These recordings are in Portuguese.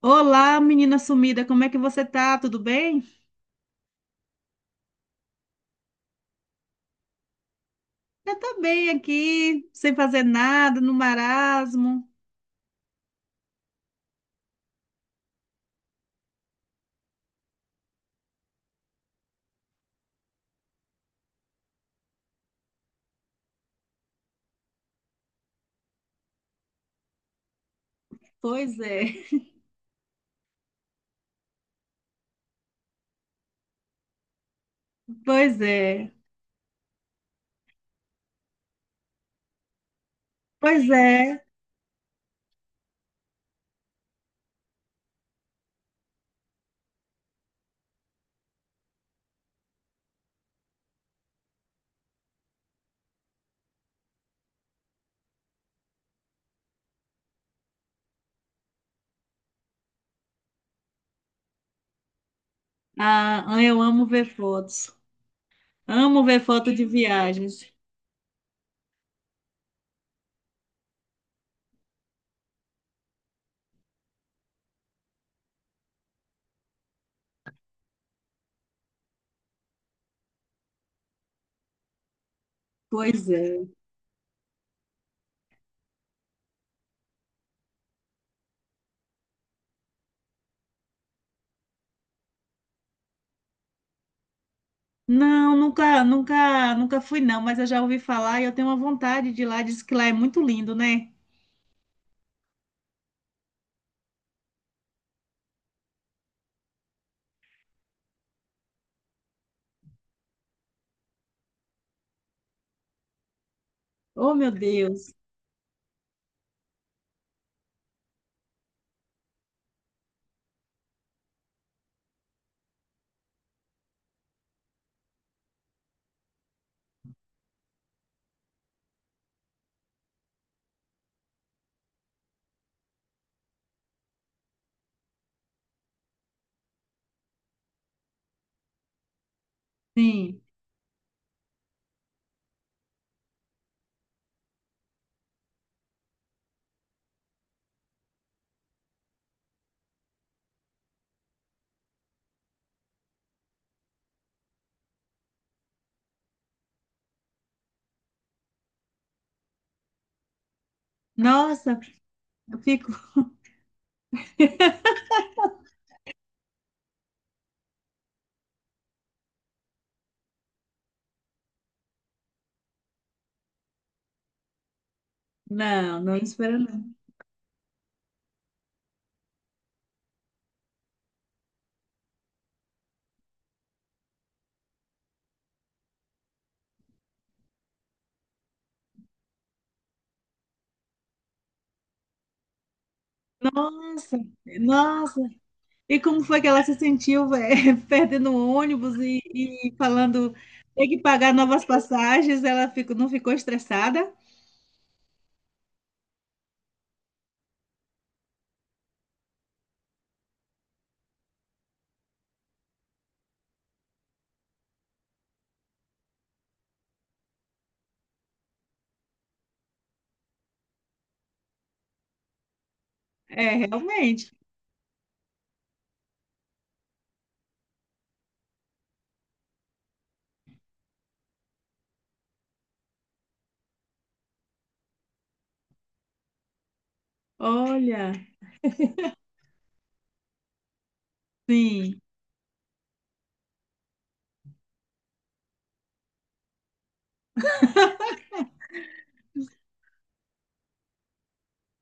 Olá, menina sumida, como é que você tá? Tudo bem? Eu tô bem aqui, sem fazer nada, no marasmo. Pois é, pois é, pois é. Ah, eu amo ver fotos. Amo ver foto de viagens. Pois é. Não, nunca fui não, mas eu já ouvi falar e eu tenho uma vontade de ir lá. Diz que lá é muito lindo, né? Oh, meu Deus. Sim. Nossa, eu fico. Não, não espera não. Nossa, nossa. E como foi que ela se sentiu, velho, perdendo o ônibus e falando tem que pagar novas passagens? Não ficou estressada? É, realmente. Olha, sim,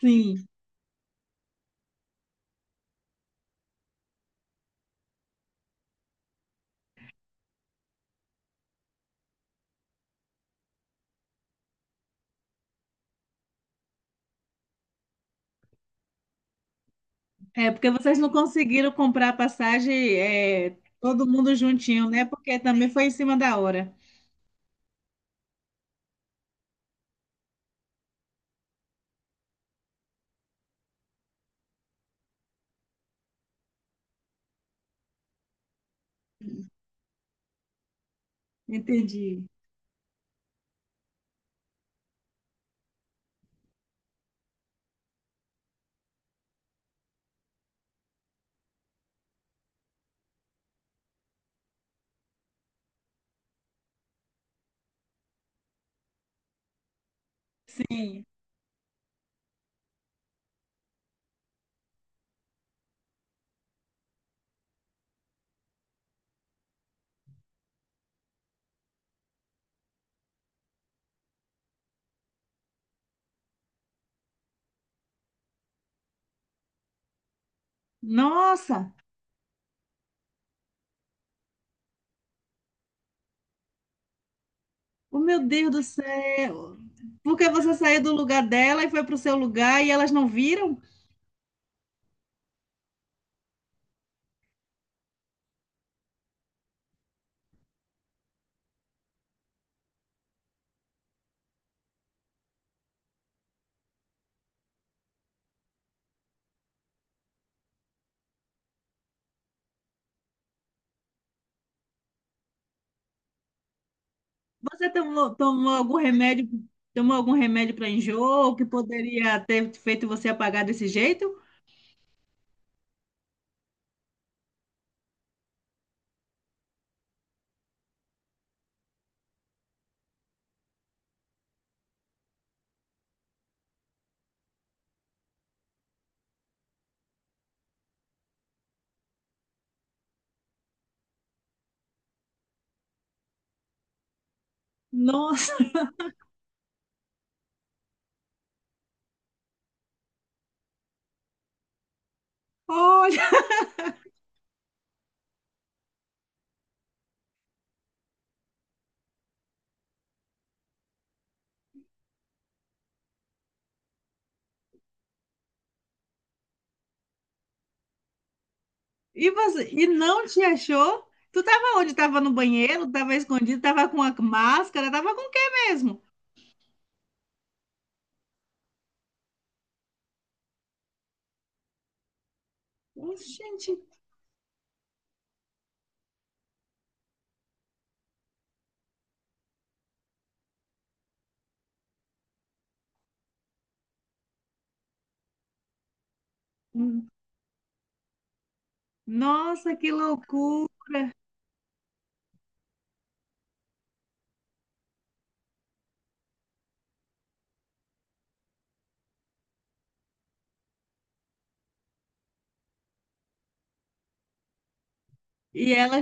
sim. É porque vocês não conseguiram comprar a passagem, é, todo mundo juntinho, né? Porque também foi em cima da hora. Entendi. Sim. Nossa, o meu Deus do céu. Porque você saiu do lugar dela e foi para o seu lugar e elas não viram? Você tomou algum remédio, tomou algum remédio para enjoo que poderia ter feito você apagar desse jeito? Nossa, olha, e não te achou? Tu tava onde? Tava no banheiro, tava escondido, tava com a máscara, tava com o quê mesmo? Oxente, nossa, que loucura! E ela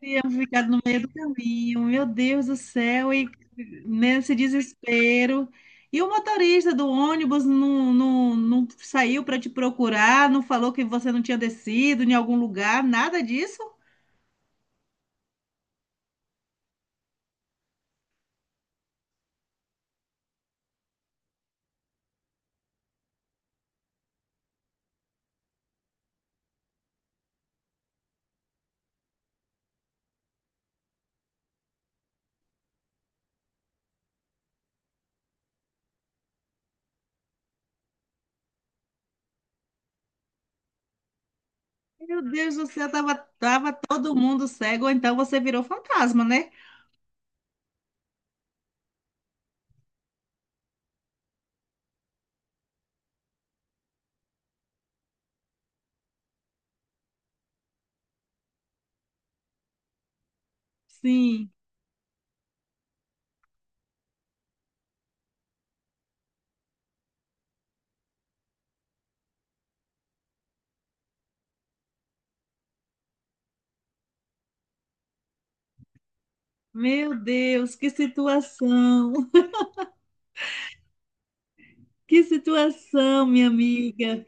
Teríamos ficado no meio do caminho, meu Deus do céu, e nesse desespero. E o motorista do ônibus não saiu para te procurar, não falou que você não tinha descido em algum lugar, nada disso? Meu Deus do céu, tava todo mundo cego, ou então você virou fantasma, né? Sim, meu Deus, que situação, minha amiga.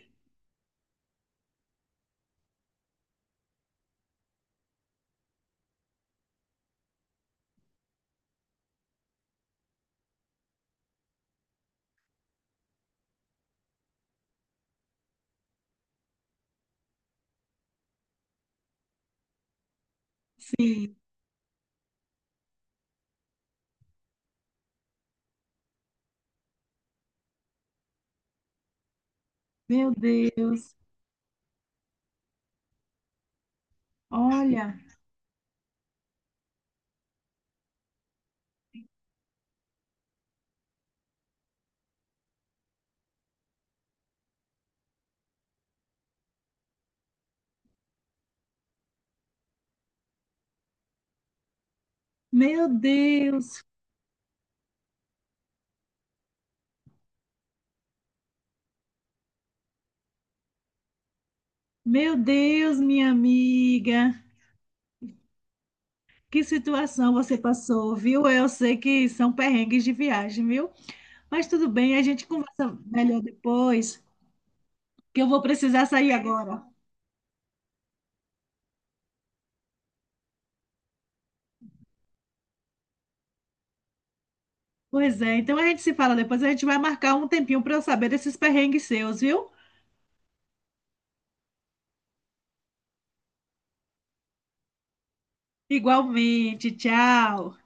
Sim, meu Deus, olha, meu Deus. Meu Deus, minha amiga, que situação você passou, viu? Eu sei que são perrengues de viagem, viu? Mas tudo bem, a gente conversa melhor depois, que eu vou precisar sair agora. Pois é, então a gente se fala depois, a gente vai marcar um tempinho para eu saber desses perrengues seus, viu? Igualmente, tchau.